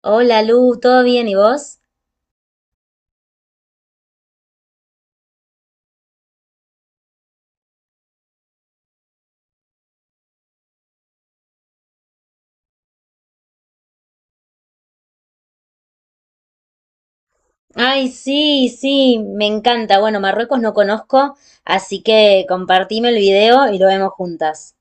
Hola Lu, ¿todo bien y vos? Ay, sí, sí, me encanta. Bueno, Marruecos no conozco, así que compartime el video y lo vemos juntas.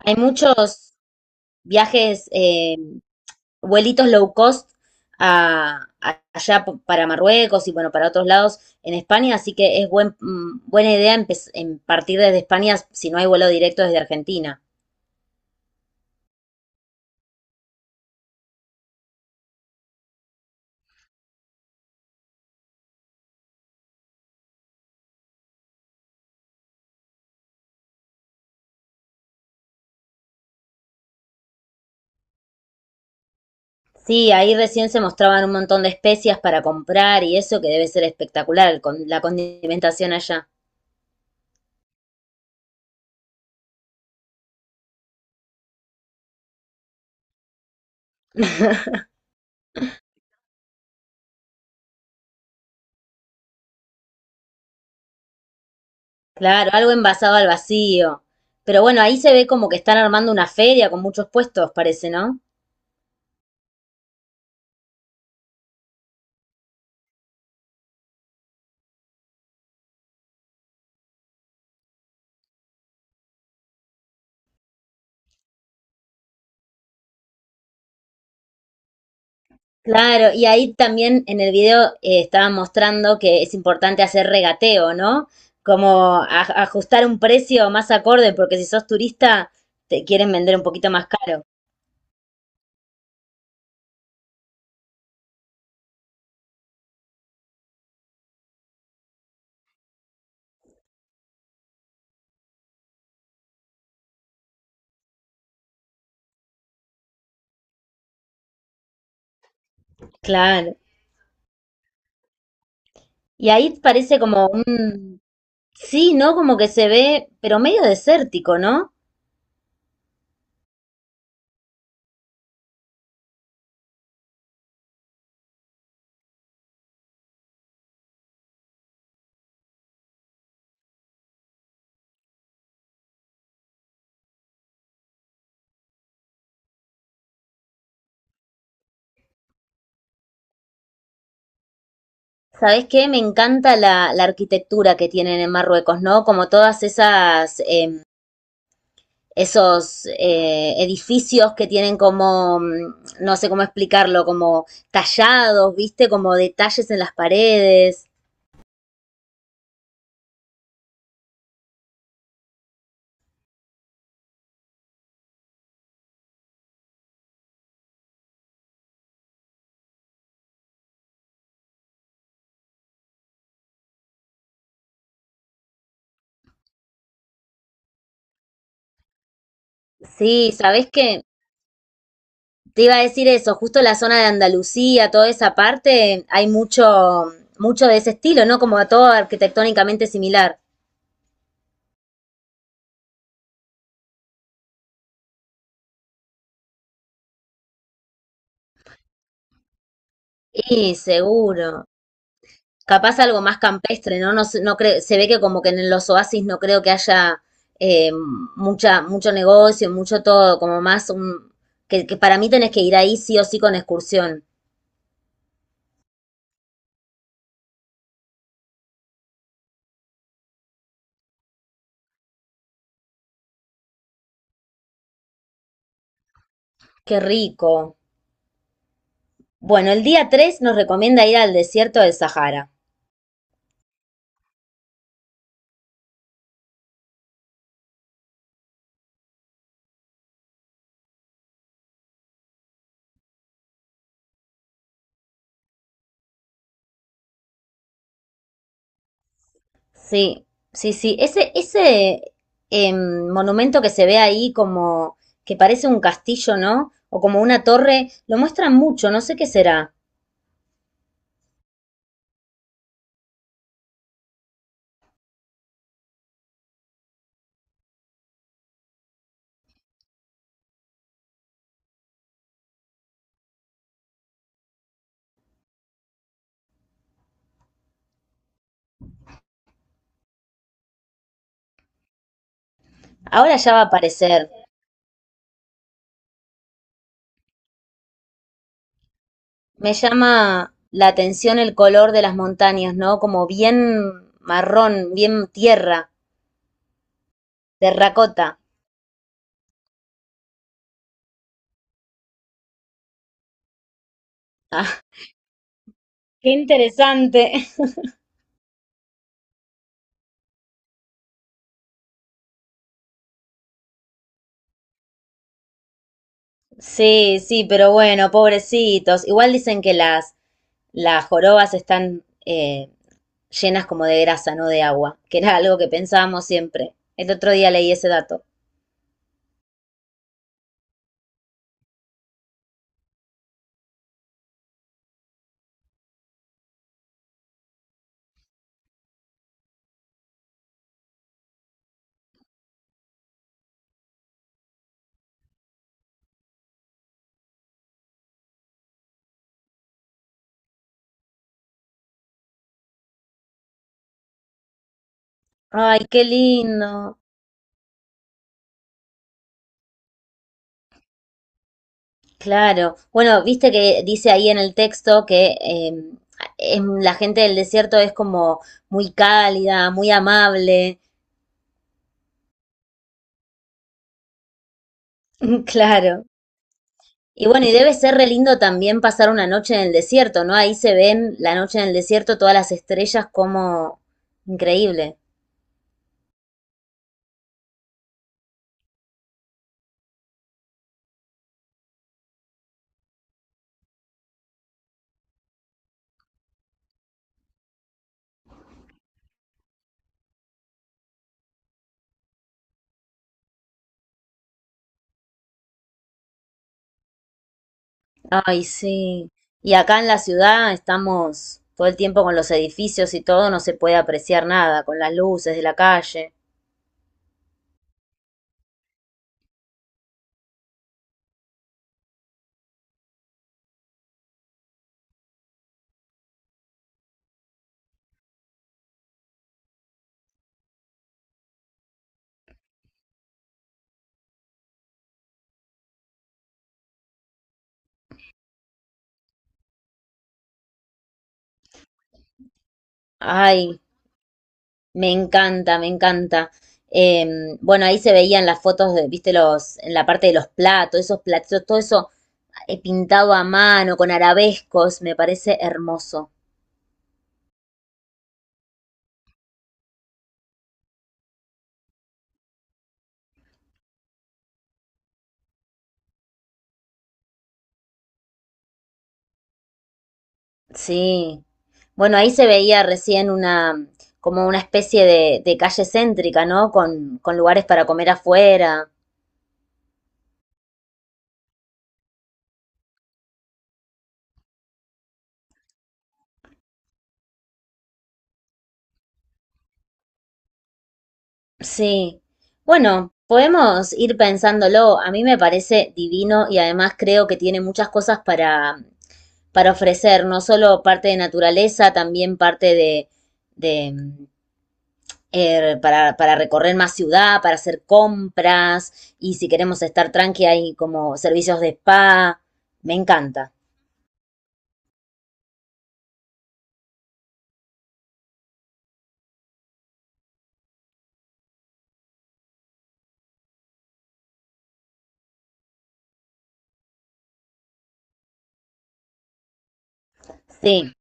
Hay muchos viajes, vuelitos low cost allá para Marruecos y bueno, para otros lados en España, así que es buena idea partir desde España si no hay vuelo directo desde Argentina. Sí, ahí recién se mostraban un montón de especias para comprar y eso que debe ser espectacular con la condimentación allá. Claro, algo envasado al vacío. Pero bueno, ahí se ve como que están armando una feria con muchos puestos, parece, ¿no? Claro, y ahí también en el video estaban mostrando que es importante hacer regateo, ¿no? Como ajustar un precio más acorde, porque si sos turista te quieren vender un poquito más caro. Claro. Y ahí parece como un... Sí, ¿no? Como que se ve, pero medio desértico, ¿no? ¿Sabés qué? Me encanta la, la arquitectura que tienen en Marruecos, ¿no? Como todas esas, esos edificios que tienen como, no sé cómo explicarlo, como tallados, viste, como detalles en las paredes. Sí, ¿sabés qué? Te iba a decir eso, justo la zona de Andalucía, toda esa parte, hay mucho, mucho de ese estilo, ¿no? Como a todo arquitectónicamente similar. Y seguro. Capaz algo más campestre, ¿no? No, no creo, se ve que como que en los oasis no creo que haya eh, mucha, mucho negocio, mucho todo, como más un, que para mí tenés que ir ahí sí o sí con excursión. Qué rico. Bueno, el día 3 nos recomienda ir al desierto del Sahara. Sí, sí, sí. Ese monumento que se ve ahí como que parece un castillo, ¿no? O como una torre, lo muestran mucho, no sé qué será. Ahora ya va a aparecer. Me llama la atención el color de las montañas, ¿no? Como bien marrón, bien tierra, terracota. Ah, qué interesante. Sí, sí, pero bueno, pobrecitos. Igual dicen que las jorobas están llenas como de grasa, no de agua, que era algo que pensábamos siempre. El otro día leí ese dato. Ay, qué lindo. Claro. Bueno, viste que dice ahí en el texto que la gente del desierto es como muy cálida, muy amable. Claro. Y bueno, y debe ser re lindo también pasar una noche en el desierto, ¿no? Ahí se ven la noche en el desierto, todas las estrellas como increíble. Ay, sí. Y acá en la ciudad estamos todo el tiempo con los edificios y todo, no se puede apreciar nada, con las luces de la calle. Ay, me encanta, me encanta. Eh, bueno, ahí se veían las fotos de, viste, los, en la parte de los platos, esos platos, todo eso pintado a mano, con arabescos, me parece hermoso. Sí. Bueno, ahí se veía recién una, como una especie de calle céntrica, ¿no? Con lugares para comer afuera. Sí. Bueno, podemos ir pensándolo. A mí me parece divino y además creo que tiene muchas cosas para ofrecer no solo parte de naturaleza, también parte de, de para recorrer más ciudad, para hacer compras y si queremos estar tranqui hay como servicios de spa. Me encanta. Sí,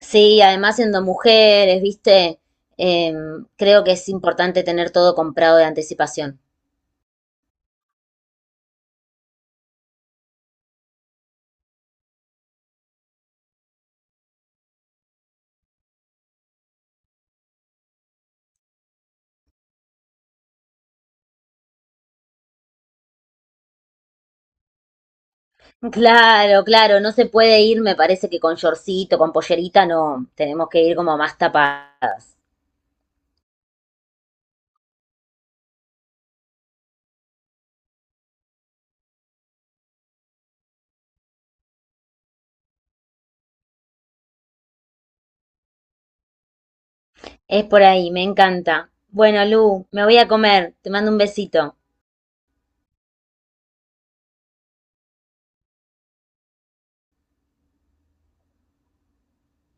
sí, además siendo mujeres, viste, Eh, creo que es importante tener todo comprado de anticipación. Claro, claro, no se puede ir, me parece que con shortcito, con pollerita, no, tenemos que ir como más tapadas. Es por ahí. Me encanta. Bueno, Lu, me voy a comer. Te mando un besito.